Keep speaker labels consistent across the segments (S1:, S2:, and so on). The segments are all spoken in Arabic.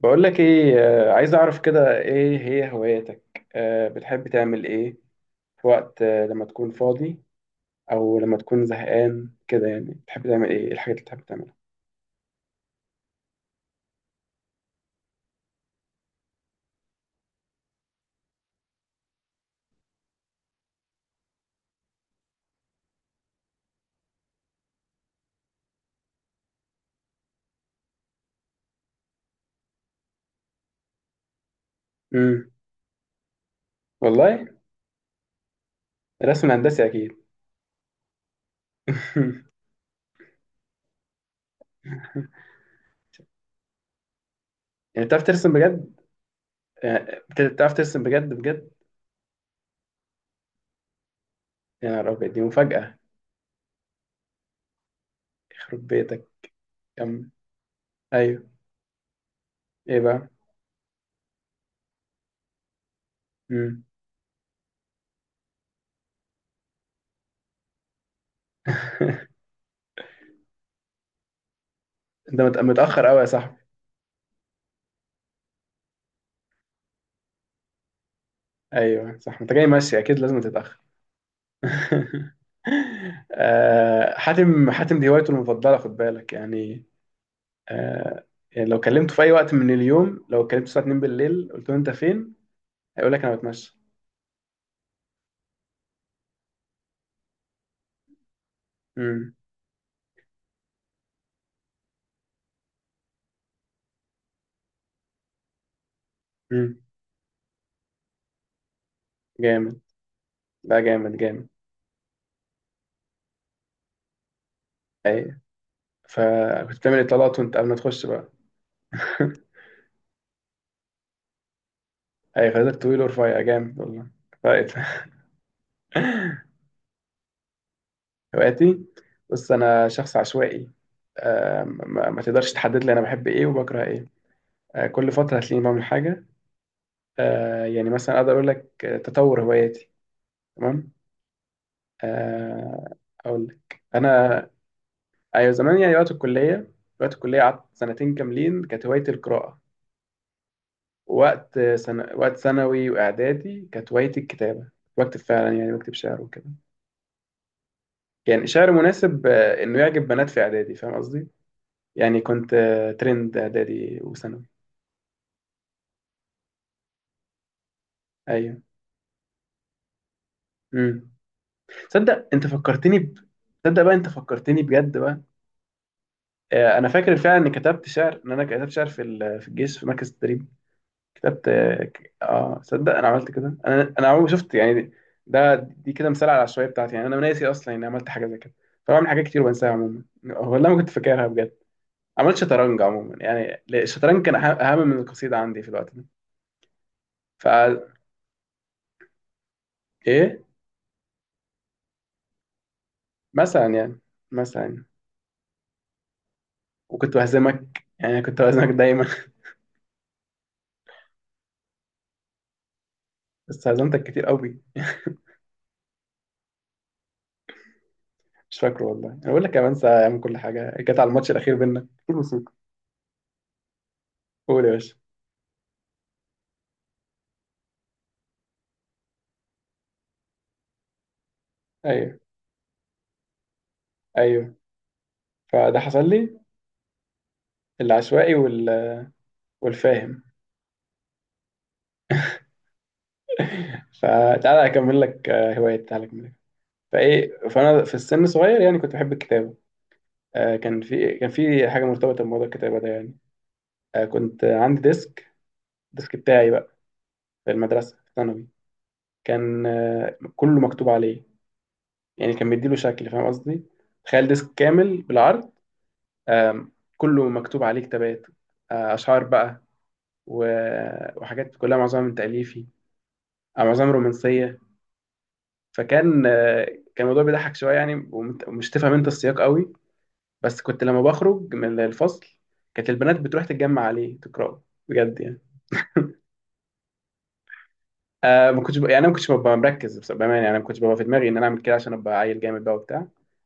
S1: بقول لك ايه، عايز اعرف كده ايه هي هواياتك، بتحب تعمل ايه في وقت، لما تكون فاضي او لما تكون زهقان كده يعني بتحب تعمل ايه؟ إيه الحاجات اللي بتحب تعملها؟ امم والله، الرسم الهندسي اكيد. يعني بتعرف ترسم بجد؟ يعني بتعرف ترسم بجد بجد؟ يا نهار ابيض، دي مفاجأة! يخرب بيتك! كمل. ايوه، ايه بقى؟ امم انت متأخر قوي يا صاحبي. ايوه صح، انت جاي ماشي اكيد لازم تتأخر. حاتم، حاتم دي هوايته المفضلة، خد بالك يعني. آه، يعني لو كلمته في أي وقت من اليوم، لو كلمته الساعة 2 بالليل، قلت له أنت فين؟ هيقول لك أنا بتمشى. مم. مم. جامد. لا، جامد جامد. أي. فكنت بتعمل إطلالات وأنت قبل ما تخش بقى. أي، خدتك طويل ورفيع جامد والله. فرقت. هواياتي. بص، أنا شخص عشوائي. ما تقدرش تحدد لي أنا بحب إيه وبكره إيه. كل فترة هتلاقيني بعمل حاجة. يعني مثلا اقدر اقول لك، تطور هواياتي. تمام. آه اقول لك انا. ايوه زمان، يعني وقت الكليه. وقت الكليه قعدت سنتين كاملين كانت هوايتي القراءه. وقت سنة، وقت ثانوي واعدادي، كانت هوايتي الكتابه. بكتب فعلا، يعني بكتب شعر وكده. يعني شعر مناسب، انه يعجب بنات في اعدادي، فاهم قصدي؟ يعني كنت ترند اعدادي وثانوي. ايوه. امم تصدق انت فكرتني ب... تصدق بقى انت فكرتني بجد بقى. انا فاكر فعلا اني كتبت شعر، ان انا كتبت شعر في في الجيش في مركز التدريب. كتبت اه ك- آه، صدق، انا عملت كده، انا عمري ما شفت يعني. ده دي كده مثال على العشوائيه بتاعتي، يعني انا ناسي اصلا اني عملت حاجه زي كده. فبعمل حاجات كتير وبنساها عموما، والله ما كنت فاكرها بجد. عملت شطرنج عموما يعني. لا، الشطرنج كان اهم من القصيده عندي في الوقت ده. ف ايه. مثلا يعني، مثلا. وكنت بهزمك، يعني كنت بهزمك دايما. بس هزمتك كتير قوي. مش فاكره والله، انا بقول لك يا بنسى اعمل كل حاجه كانت على الماتش الاخير بينا. قول يا باشا. ايوه، ايوه، فده حصل لي. العشوائي والفاهم. فتعالى اكمل لك هوايه، تعالى اكمل لك. فايه، فانا في السن صغير يعني كنت بحب الكتابه. كان في حاجه مرتبطه بموضوع الكتابه ده يعني. كنت عندي ديسك، الديسك بتاعي بقى، في المدرسه في ثانوي. كان كله مكتوب عليه، يعني كان مديله شكل، فاهم قصدي؟ تخيل ديسك كامل بالعرض. آم، كله مكتوب عليه كتابات، اشعار بقى، وحاجات كلها، معظمها من تاليفي، معظمها رومانسيه. فكان آه، كان الموضوع بيضحك شويه يعني، ومش تفهم انت السياق قوي. بس كنت لما بخرج من الفصل كانت البنات بتروح تتجمع عليه تقراه، بجد يعني. ما كنتش يعني انا ما كنتش ببقى مركز، بامانه، يعني أنا ما كنتش ببقى في دماغي ان انا اعمل كده عشان ابقى عيل جامد بقى وبتاع.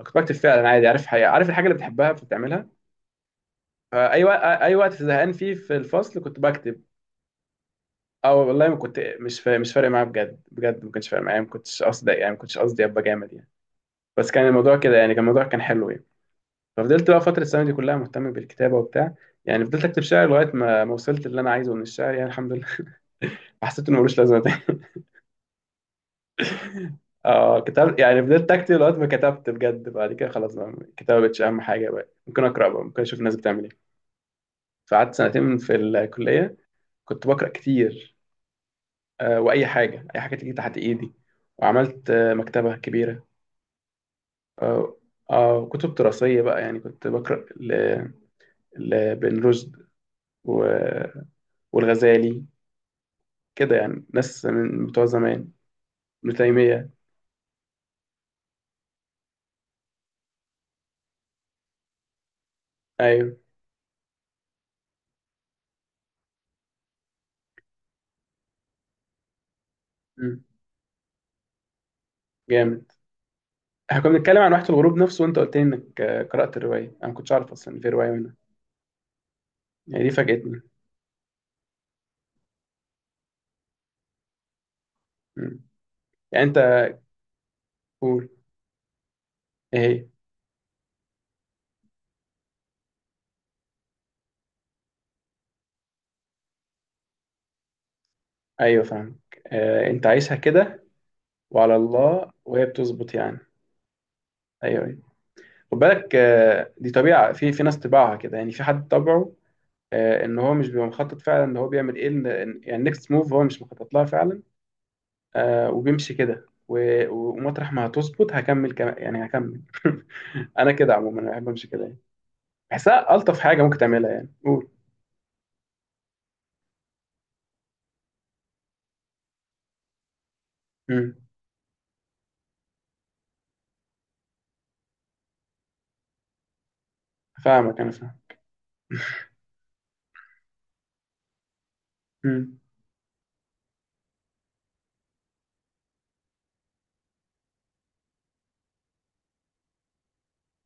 S1: أنا كنت بكتب فعلا عادي، عارف حقيقة. عارف الحاجه اللي بتحبها فبتعملها. فاي وقت، اي وقت زهقان فيه في الفصل كنت بكتب. اه والله، ما كنت مش فارق معايا بجد بجد، ما كانش فارق معايا، ما كنتش قصدي يعني، ما كنتش قصدي ابقى جامد يعني. بس كان الموضوع كده يعني، كان الموضوع حلو يعني. ففضلت بقى فترة، السنة دي كلها مهتم بالكتابة وبتاع. يعني فضلت أكتب شعر لغاية ما وصلت اللي أنا عايزه من الشعر، يعني الحمد لله. حسيت إنه ملوش لازمة تاني. كتبت، يعني فضلت أكتب لغاية ما كتبت بجد. بعد كده خلاص بقى، الكتابة مبقتش أهم حاجة بقى، ممكن أقرأ بقى، ممكن أشوف الناس بتعمل إيه. فقعدت سنتين في الكلية، كنت بقرأ كتير، وأي حاجة، أي حاجة تيجي تحت إيدي. وعملت مكتبة كبيرة. آه كتب دراسية بقى يعني، كنت بقرأ لابن رشد و... والغزالي كده، يعني ناس من بتوع زمان، من تيمية. ايوه. مم. جامد. احنا كنا بنتكلم عن واحة الغروب نفسه وانت قلت لي انك قرأت الرواية، انا ما كنتش اعرف اصلا ان في رواية منها. يعني دي فاجأتني. مم. يعني انت. قول، ايه هي؟ ايوه فاهمك، انت عايشها كده وعلى الله، وهي بتظبط يعني. ايوه، ايوه. خد بالك دي طبيعة، في ناس طباعها كده، يعني في حد طبعه. ان هو مش بيبقى مخطط فعلا ان هو بيعمل ايه، يعني نكست موف هو مش مخطط لها فعلا. وبيمشي كده ومطرح ما هتظبط هكمل يعني هكمل. انا كده عموما، انا بحب امشي كده يعني، بحسها الطف حاجه ممكن تعملها. يعني قول. امم فاهمك، انا فاهم. امم.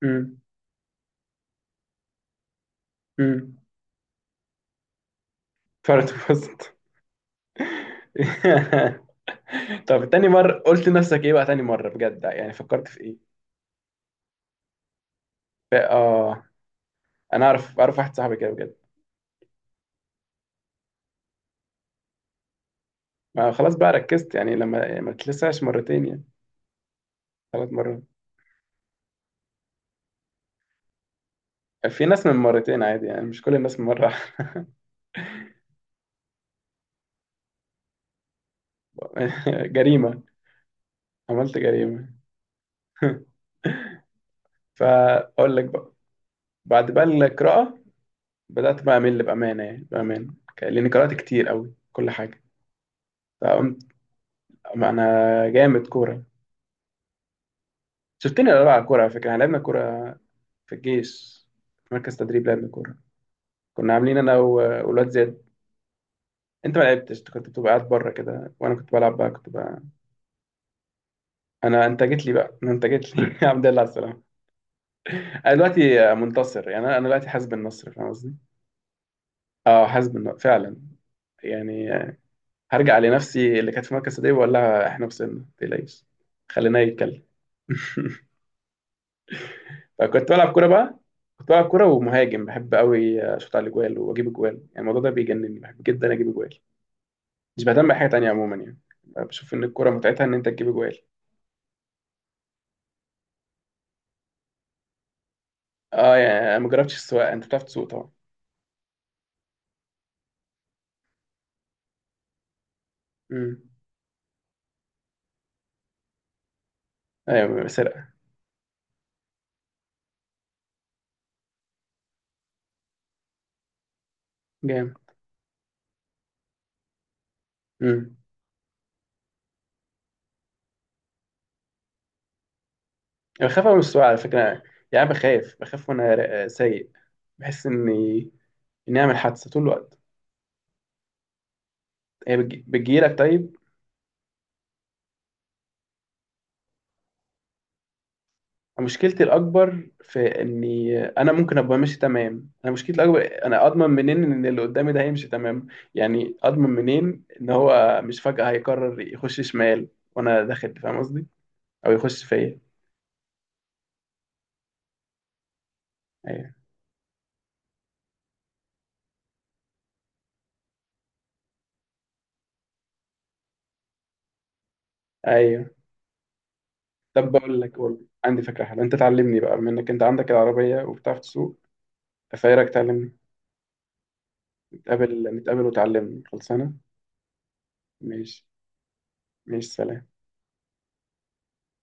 S1: امم. امم. فرد. وسط. طب تاني مره، قلت لنفسك ايه بقى تاني مره بجد؟ يعني فكرت في ايه؟ ف- اه انا اعرف واحد صاحبي كده بجد. ما خلاص بقى، ركزت يعني لما، يعني ما تلسعش مرتين يعني. ثلاث مرات. في ناس من مرتين عادي يعني، مش كل الناس من مره. جريمه. عملت جريمة. فأقول لك بقى، بعد بقى القراءة، بدأت بقى أمل بأمانة، يعني بأمانة، لأني قرأت كتير أوي كل حاجة. فقمت. ما أنا جامد كورة، شفتني أنا بلعب كورة؟ على فكرة إحنا لعبنا كورة، في الجيش في مركز تدريب، لعبنا كورة. كنا عاملين أنا والواد زياد. أنت ما لعبتش، أنت كنت بتبقى قاعد بره كده وأنا كنت بلعب بقى، كنت بقى. أنا أنت جيت لي. الحمد لله على السلامة. أنا دلوقتي منتصر، يعني أنا دلوقتي حاسب النصر، فاهم قصدي؟ أه، حاسب النصر فعلا، يعني هرجع لنفسي اللي كانت في مركز صديق واقول لها احنا وصلنا، ما تقلقيش. خلينا يتكلم. فكنت بلعب كوره بقى، كنت بلعب كوره ومهاجم، بحب قوي اشوط على الاجوال واجيب اجوال، يعني الموضوع ده بيجنني، بحب جدا اجيب اجوال. مش بهتم بحاجه تانية عموما يعني، بشوف ان الكوره متعتها ان انت تجيب اجوال. اه يعني، انا ما جربتش السواقه، انت بتعرف تسوق طبعا. امم. ايوه سرقه. جامد. امم. أنا بخاف قوي من السواقه على فكره يعني، أنا بخاف بخاف وانا سايق، بحس اني اعمل حادثه طول الوقت. هي بتجيلك طيب. مشكلتي الأكبر في إني أنا ممكن أبقى ماشي تمام، أنا مشكلتي الأكبر أنا أضمن منين إن اللي قدامي ده هيمشي تمام. يعني أضمن منين إن هو مش فجأة هيقرر يخش شمال وأنا داخل، فاهم قصدي؟ أو يخش فيا. أيوه. أيوه. طب بقول لك، عندي فكرة حلوة، أنت تعلمني بقى بما إنك أنت عندك العربية وبتعرف تسوق، فإيه رأيك تعلمني؟ نتقابل، نتقابل وتعلمني، خلصانة؟ ماشي. ماشي. سلام.